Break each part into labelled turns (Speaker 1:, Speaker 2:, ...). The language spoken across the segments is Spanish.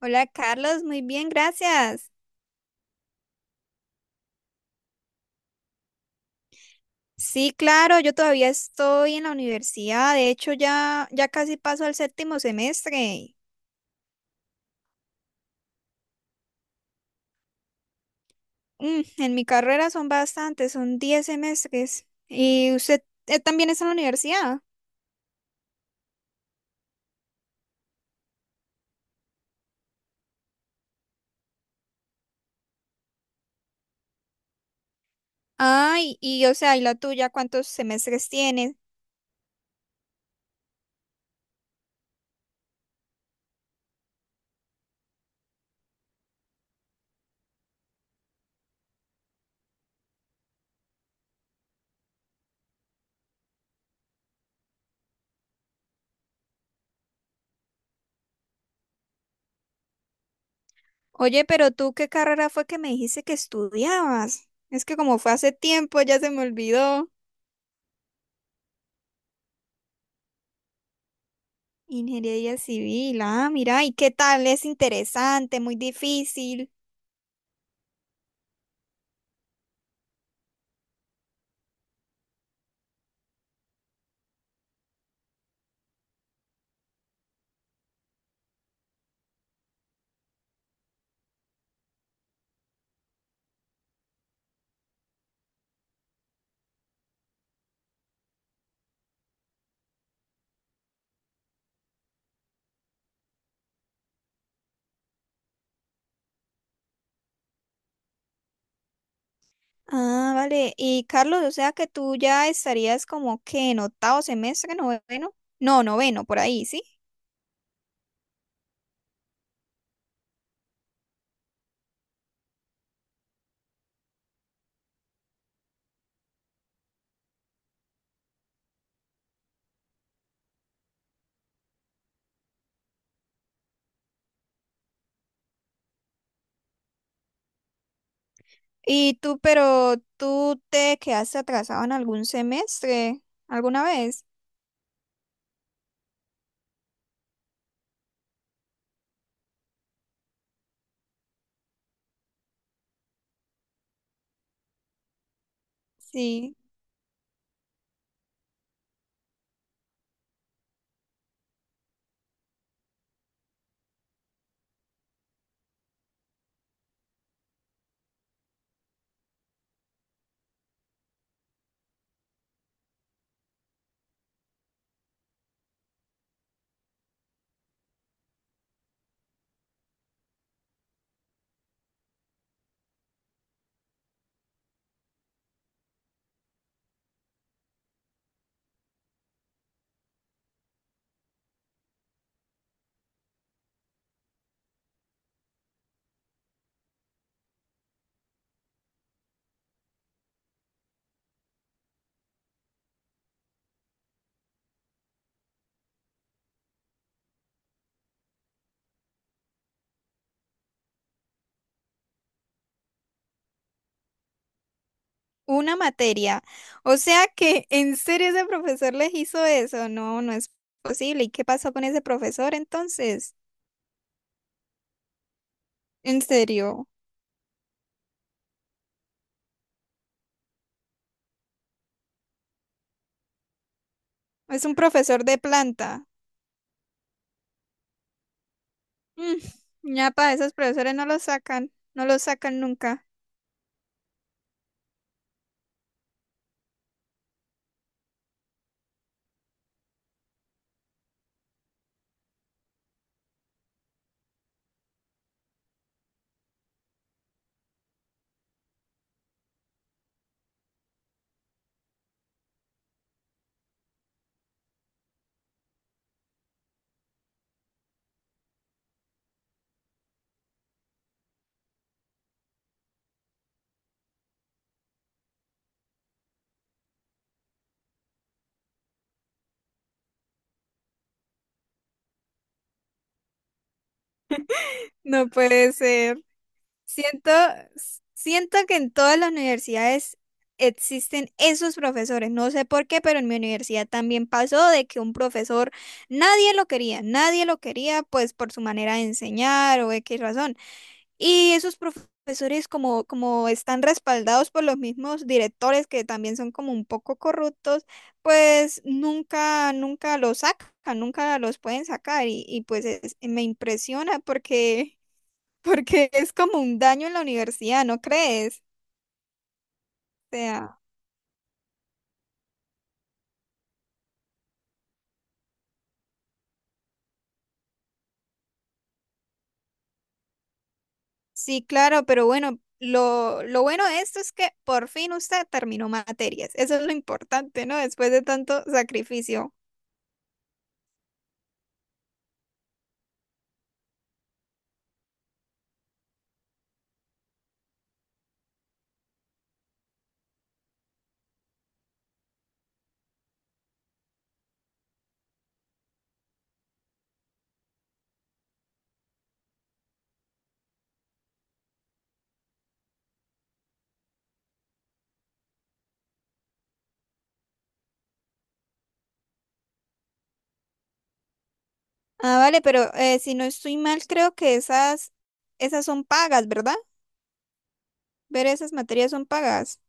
Speaker 1: Hola Carlos, muy bien, gracias. Sí, claro, yo todavía estoy en la universidad, de hecho ya casi paso al séptimo semestre. En mi carrera son bastantes, son 10 semestres. ¿Y usted también está en la universidad? Ay, y o sea, ¿y la tuya cuántos semestres tienes? Oye, pero tú, ¿qué carrera fue que me dijiste que estudiabas? Es que como fue hace tiempo, ya se me olvidó. Ingeniería civil, ah, mira, ¿y qué tal? Es interesante, muy difícil. Ah, vale. Y Carlos, o sea que tú ya estarías como que en octavo semestre, noveno. No, noveno, por ahí, ¿sí? Y tú, pero tú te quedaste atrasado en algún semestre, ¿alguna vez? Sí. Una materia. O sea que en serio ese profesor les hizo eso. No, no es posible. ¿Y qué pasó con ese profesor entonces? En serio. Es un profesor de planta. Mm, Ya para esos profesores no lo sacan. No lo sacan nunca. No puede ser. Siento, siento que en todas las universidades existen esos profesores. No sé por qué, pero en mi universidad también pasó de que un profesor nadie lo quería, nadie lo quería, pues por su manera de enseñar o X razón. Y esos profesores como están respaldados por los mismos directores que también son como un poco corruptos, pues nunca, nunca los sacan, nunca los pueden sacar. Y pues me impresiona porque es como un daño en la universidad, ¿no crees? O sea, sí, claro, pero bueno, lo bueno de esto es que por fin usted terminó materias. Eso es lo importante, ¿no? Después de tanto sacrificio. Ah, vale, pero si no estoy mal, creo que esas son pagas, ¿verdad? Ver esas materias son pagas.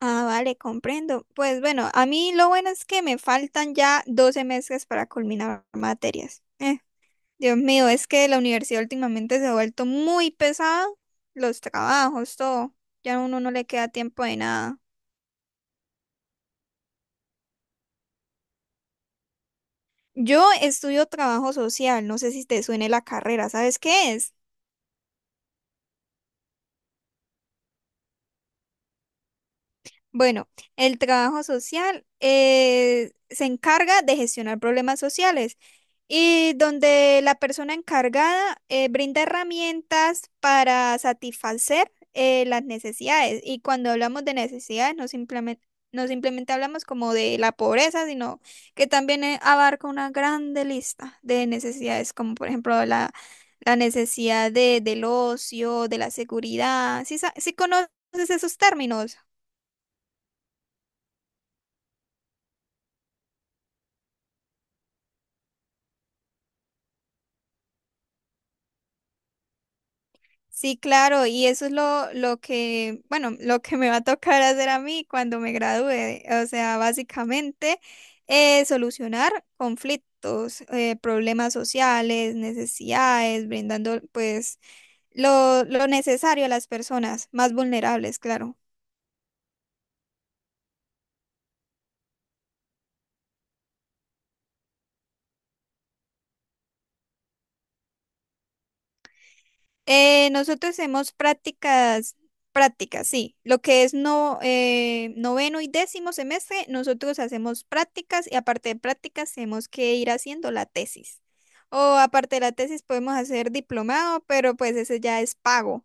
Speaker 1: Ah, vale, comprendo. Pues bueno, a mí lo bueno es que me faltan ya 12 meses para culminar materias. Dios mío, es que la universidad últimamente se ha vuelto muy pesada, los trabajos, todo. Ya a uno no le queda tiempo de nada. Yo estudio trabajo social, no sé si te suene la carrera, ¿sabes qué es? Bueno, el trabajo social se encarga de gestionar problemas sociales. Y donde la persona encargada brinda herramientas para satisfacer las necesidades. Y cuando hablamos de necesidades, no simplemente hablamos como de la pobreza, sino que también abarca una grande lista de necesidades, como por ejemplo la necesidad del ocio, de la seguridad. ¿Sí, sí conoces esos términos? Sí, claro, y eso es lo que, bueno, lo que me va a tocar hacer a mí cuando me gradúe. O sea, básicamente solucionar conflictos, problemas sociales, necesidades, brindando pues lo necesario a las personas más vulnerables, claro. Nosotros hacemos prácticas, prácticas, sí. Lo que es no, noveno y décimo semestre, nosotros hacemos prácticas y aparte de prácticas tenemos que ir haciendo la tesis. O aparte de la tesis podemos hacer diplomado, pero pues ese ya es pago.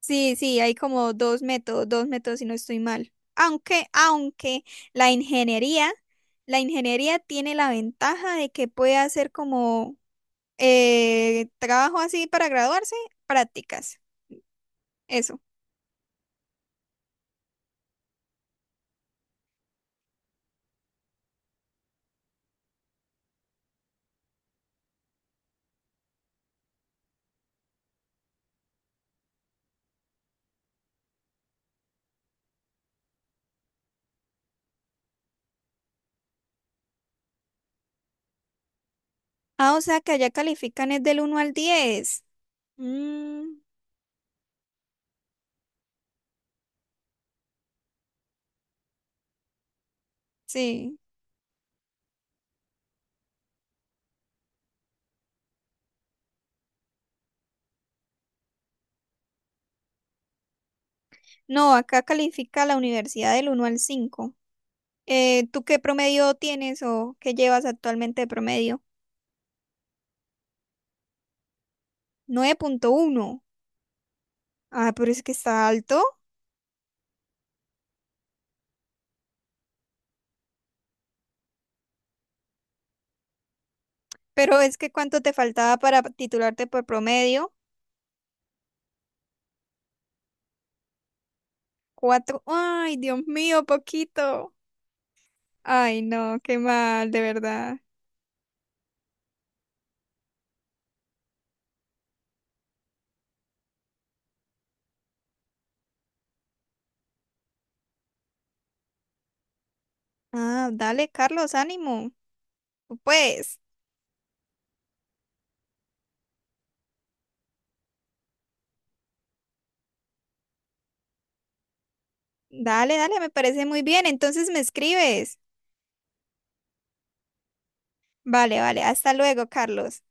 Speaker 1: Sí, sí, hay como dos métodos si no estoy mal. Aunque la ingeniería, la ingeniería tiene la ventaja de que puede hacer como trabajo así para graduarse, prácticas. Eso. Ah, o sea que allá califican es del 1 al 10. Mm, sí. No, acá califica la universidad del 1 al 5. ¿Tú qué promedio tienes o qué llevas actualmente de promedio? 9,1. Ah, pero es que está alto. Pero es que ¿cuánto te faltaba para titularte por promedio? Cuatro. Ay, Dios mío, poquito. Ay, no, qué mal, de verdad. Ah, dale, Carlos, ánimo. Pues dale, dale, me parece muy bien. Entonces me escribes. Vale, vale. Hasta luego, Carlos.